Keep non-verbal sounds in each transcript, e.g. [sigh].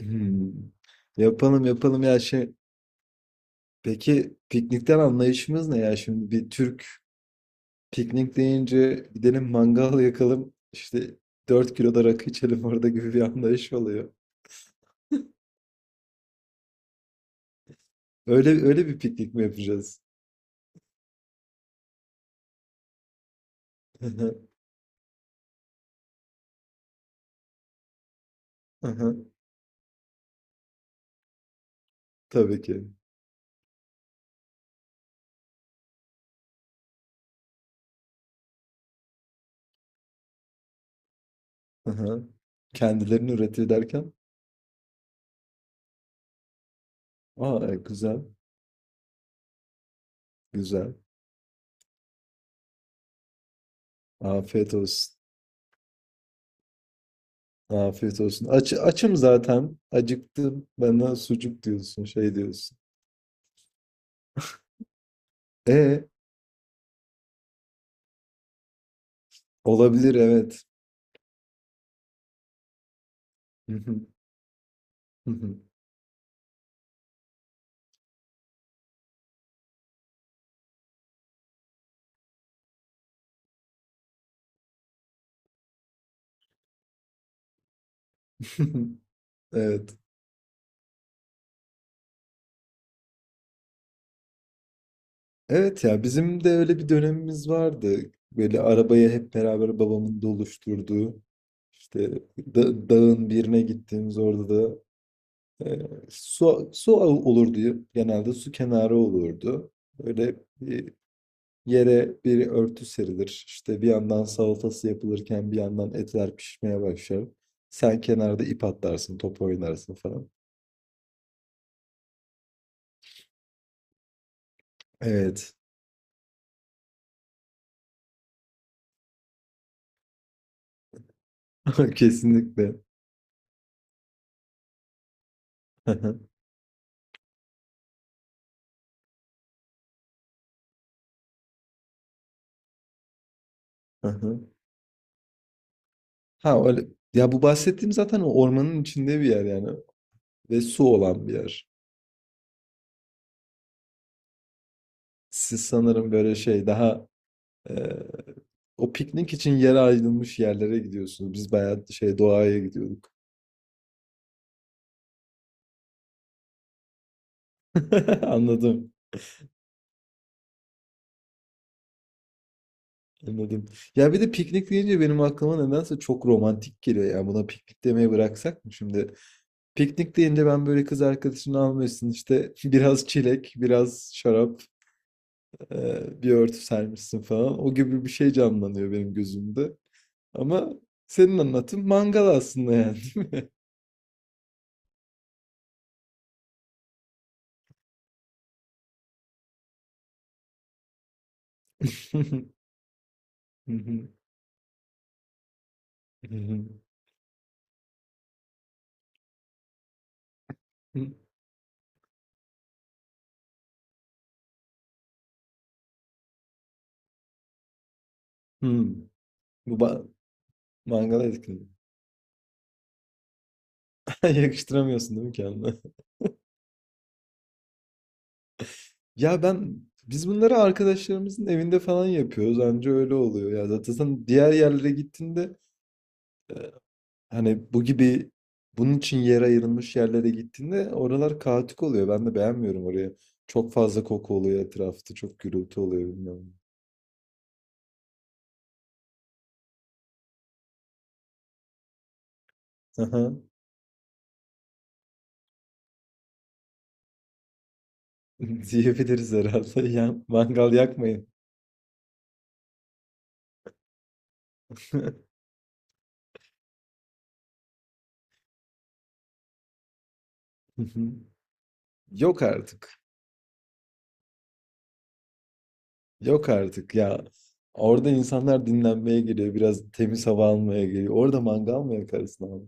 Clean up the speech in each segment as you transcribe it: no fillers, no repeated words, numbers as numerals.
Hımm. Yapalım, yapalım ya peki piknikten anlayışımız ne ya? Şimdi bir Türk piknik deyince gidelim mangal yakalım işte dört kilo da rakı içelim orada gibi bir anlayış oluyor. Öyle öyle bir piknik mi yapacağız? [laughs] Hı. Tabii ki. Hı hı. Kendilerini üretiyor derken? Aa, güzel. Güzel. Afiyet olsun. Afiyet olsun. Açım zaten. Acıktım. Bana sucuk diyorsun. Şey diyorsun. E olabilir, evet. Hı hı, hı hı. [laughs] Evet. Evet ya, bizim de öyle bir dönemimiz vardı. Böyle arabayı hep beraber babamın doluşturduğu. İşte dağın birine gittiğimiz, orada da Ee, olurdu, genelde su kenarı olurdu. Böyle bir yere bir örtü serilir. İşte bir yandan salatası yapılırken bir yandan etler pişmeye başlar. Sen kenarda ip atlarsın, top oynarsın falan. Evet, [laughs] kesinlikle. Aha, aha. Ha öyle. Ya bu bahsettiğim zaten o ormanın içinde bir yer yani, ve su olan bir yer. Siz sanırım böyle şey daha e, o piknik için yere ayrılmış yerlere gidiyorsunuz. Biz bayağı şey doğaya gidiyorduk. [laughs] Anladım. Anladım. Ya bir de piknik deyince benim aklıma nedense çok romantik geliyor. Yani buna piknik demeyi bıraksak mı şimdi? Piknik deyince ben böyle kız arkadaşını almışsın işte [laughs] biraz çilek, biraz şarap, bir örtü sermişsin falan. O gibi bir şey canlanıyor benim gözümde. Ama senin anlatın mangal aslında yani. [laughs] Bu ba- mangala etkiledi. [laughs] Yakıştıramıyorsun değil mi kendine? Ya ben, biz bunları arkadaşlarımızın evinde falan yapıyoruz, anca öyle oluyor ya. Zaten sen diğer yerlere gittiğinde, hani bu gibi bunun için yer ayrılmış yerlere gittiğinde oralar kaotik oluyor. Ben de beğenmiyorum oraya. Çok fazla koku oluyor etrafta. Çok gürültü oluyor, bilmiyorum. Aha, [laughs] diyebiliriz herhalde. Ya, mangal yakmayın. [laughs] Hı hı. Yok artık. Yok artık ya. Orada insanlar dinlenmeye geliyor. Biraz temiz hava almaya geliyor. Orada mangal mı yakarsın abi?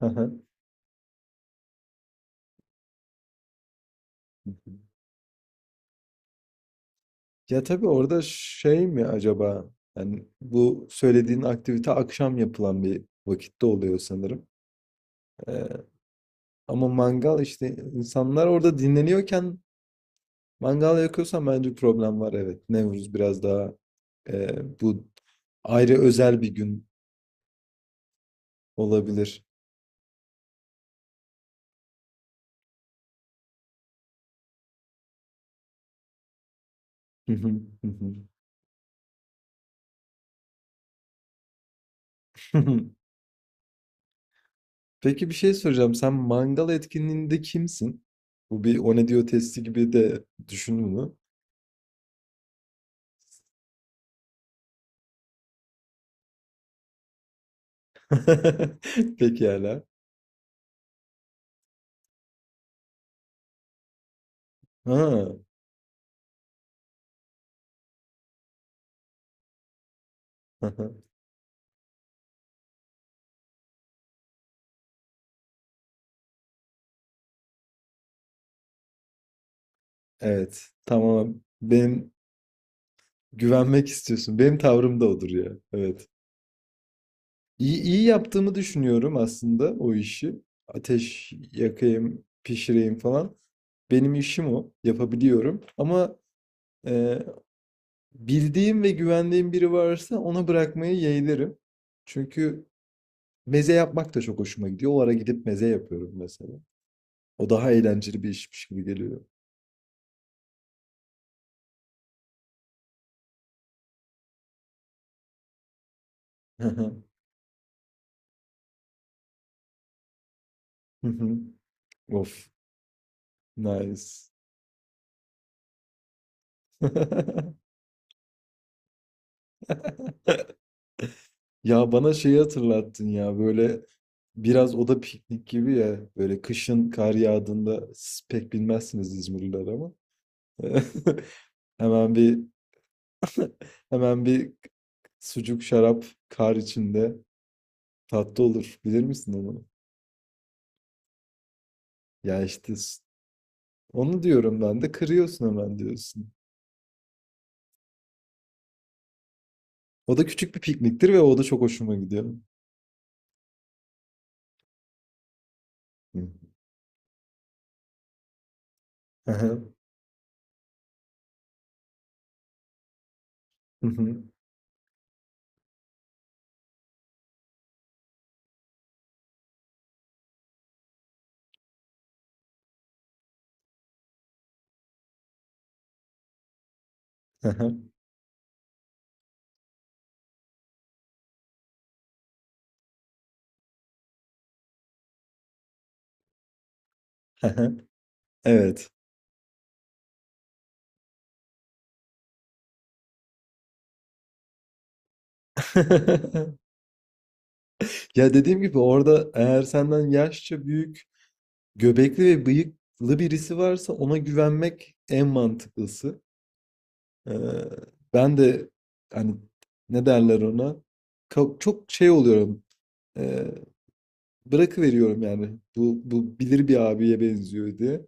Hı hı. Ya tabii, orada şey mi acaba? Yani bu söylediğin aktivite akşam yapılan bir vakitte oluyor sanırım. Ee, ama mangal işte insanlar orada dinleniyorken mangal yakıyorsan bence problem var, evet. Nevruz biraz daha bu ayrı özel bir gün olabilir. Hı hı, hı hı. [laughs] Peki bir şey soracağım. Sen mangal etkinliğinde kimsin? Bu bir "o ne diyor" testi gibi de, düşündün mü? [laughs] Pekala. Ha. [laughs] Evet. Tamam. Benim, güvenmek istiyorsun. Benim tavrım da odur ya. Evet. İyi, iyi yaptığımı düşünüyorum aslında o işi. Ateş yakayım, pişireyim falan. Benim işim o. Yapabiliyorum. Ama e, bildiğim ve güvendiğim biri varsa ona bırakmayı yeğlerim. Çünkü meze yapmak da çok hoşuma gidiyor. O ara gidip meze yapıyorum mesela. O daha eğlenceli bir işmiş gibi geliyor. [laughs] Of. Nice. [laughs] Ya bana şeyi hatırlattın ya, böyle biraz o da piknik gibi ya, böyle kışın kar yağdığında siz pek bilmezsiniz, İzmirliler ama [laughs] hemen bir [laughs] hemen bir sucuk şarap kar içinde tatlı olur, bilir misin onu? Ya işte onu diyorum, ben de kırıyorsun hemen, diyorsun. O da küçük bir pikniktir ve o da çok hoşuma gidiyor. Hı. Hı hı. Hı hı. Hı. Evet. [laughs] Ya dediğim gibi orada eğer senden yaşça büyük, göbekli ve bıyıklı birisi varsa ona güvenmek en mantıklısı. Ee, ben de hani, ne derler ona? Çok şey oluyorum. Ee, bırakıveriyorum yani. Bu bilir, bir abiye benziyor diye.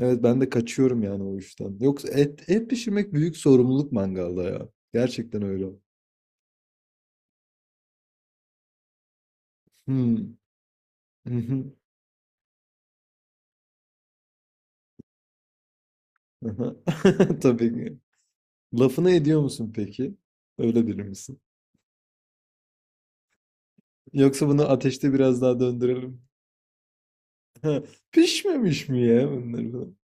Evet, ben de kaçıyorum yani o işten. Yoksa et pişirmek büyük sorumluluk mangalda ya. Gerçekten öyle. Hmm. [laughs] Tabii. Lafını ediyor musun peki? Öyle biri misin? Yoksa bunu ateşte biraz daha döndürelim. [laughs] Pişmemiş mi ya bunlar falan?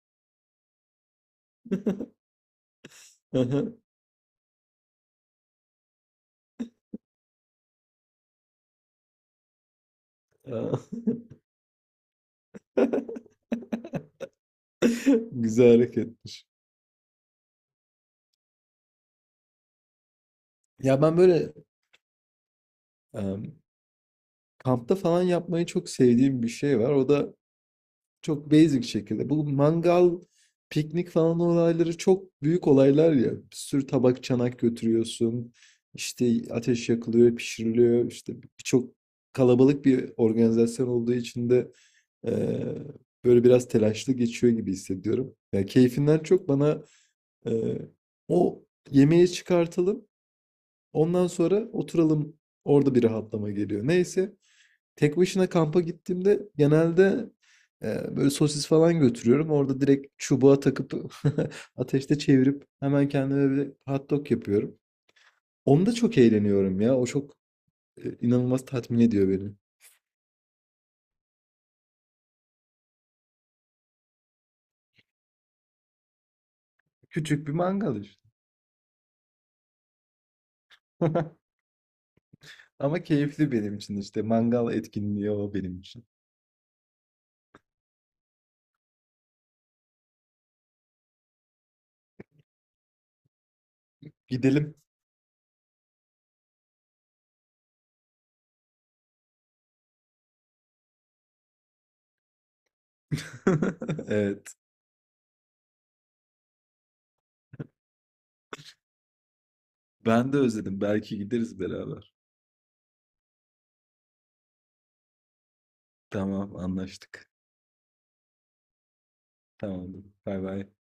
[laughs] Aa, [laughs] güzel hareketmiş. Ya ben böyle em, kampta falan yapmayı çok sevdiğim bir şey var. O da çok basic şekilde. Bu mangal, piknik falan olayları çok büyük olaylar ya. Bir sürü tabak, çanak götürüyorsun. İşte ateş yakılıyor, pişiriliyor. İşte birçok kalabalık bir organizasyon olduğu için de eee, böyle biraz telaşlı geçiyor gibi hissediyorum. Yani keyfinden çok bana eee, o yemeği çıkartalım. Ondan sonra oturalım. Orada bir rahatlama geliyor. Neyse. Tek başına kampa gittiğimde genelde böyle sosis falan götürüyorum. Orada direkt çubuğa takıp [laughs] ateşte çevirip hemen kendime bir hot dog yapıyorum. Onda çok eğleniyorum ya. O çok inanılmaz tatmin ediyor beni. Küçük bir mangal işte. [laughs] Ama keyifli benim için işte. Mangal etkinliği o benim için. Gidelim. [laughs] Evet. Ben de özledim. Belki gideriz beraber. Tamam, anlaştık. Tamam. Bay bay.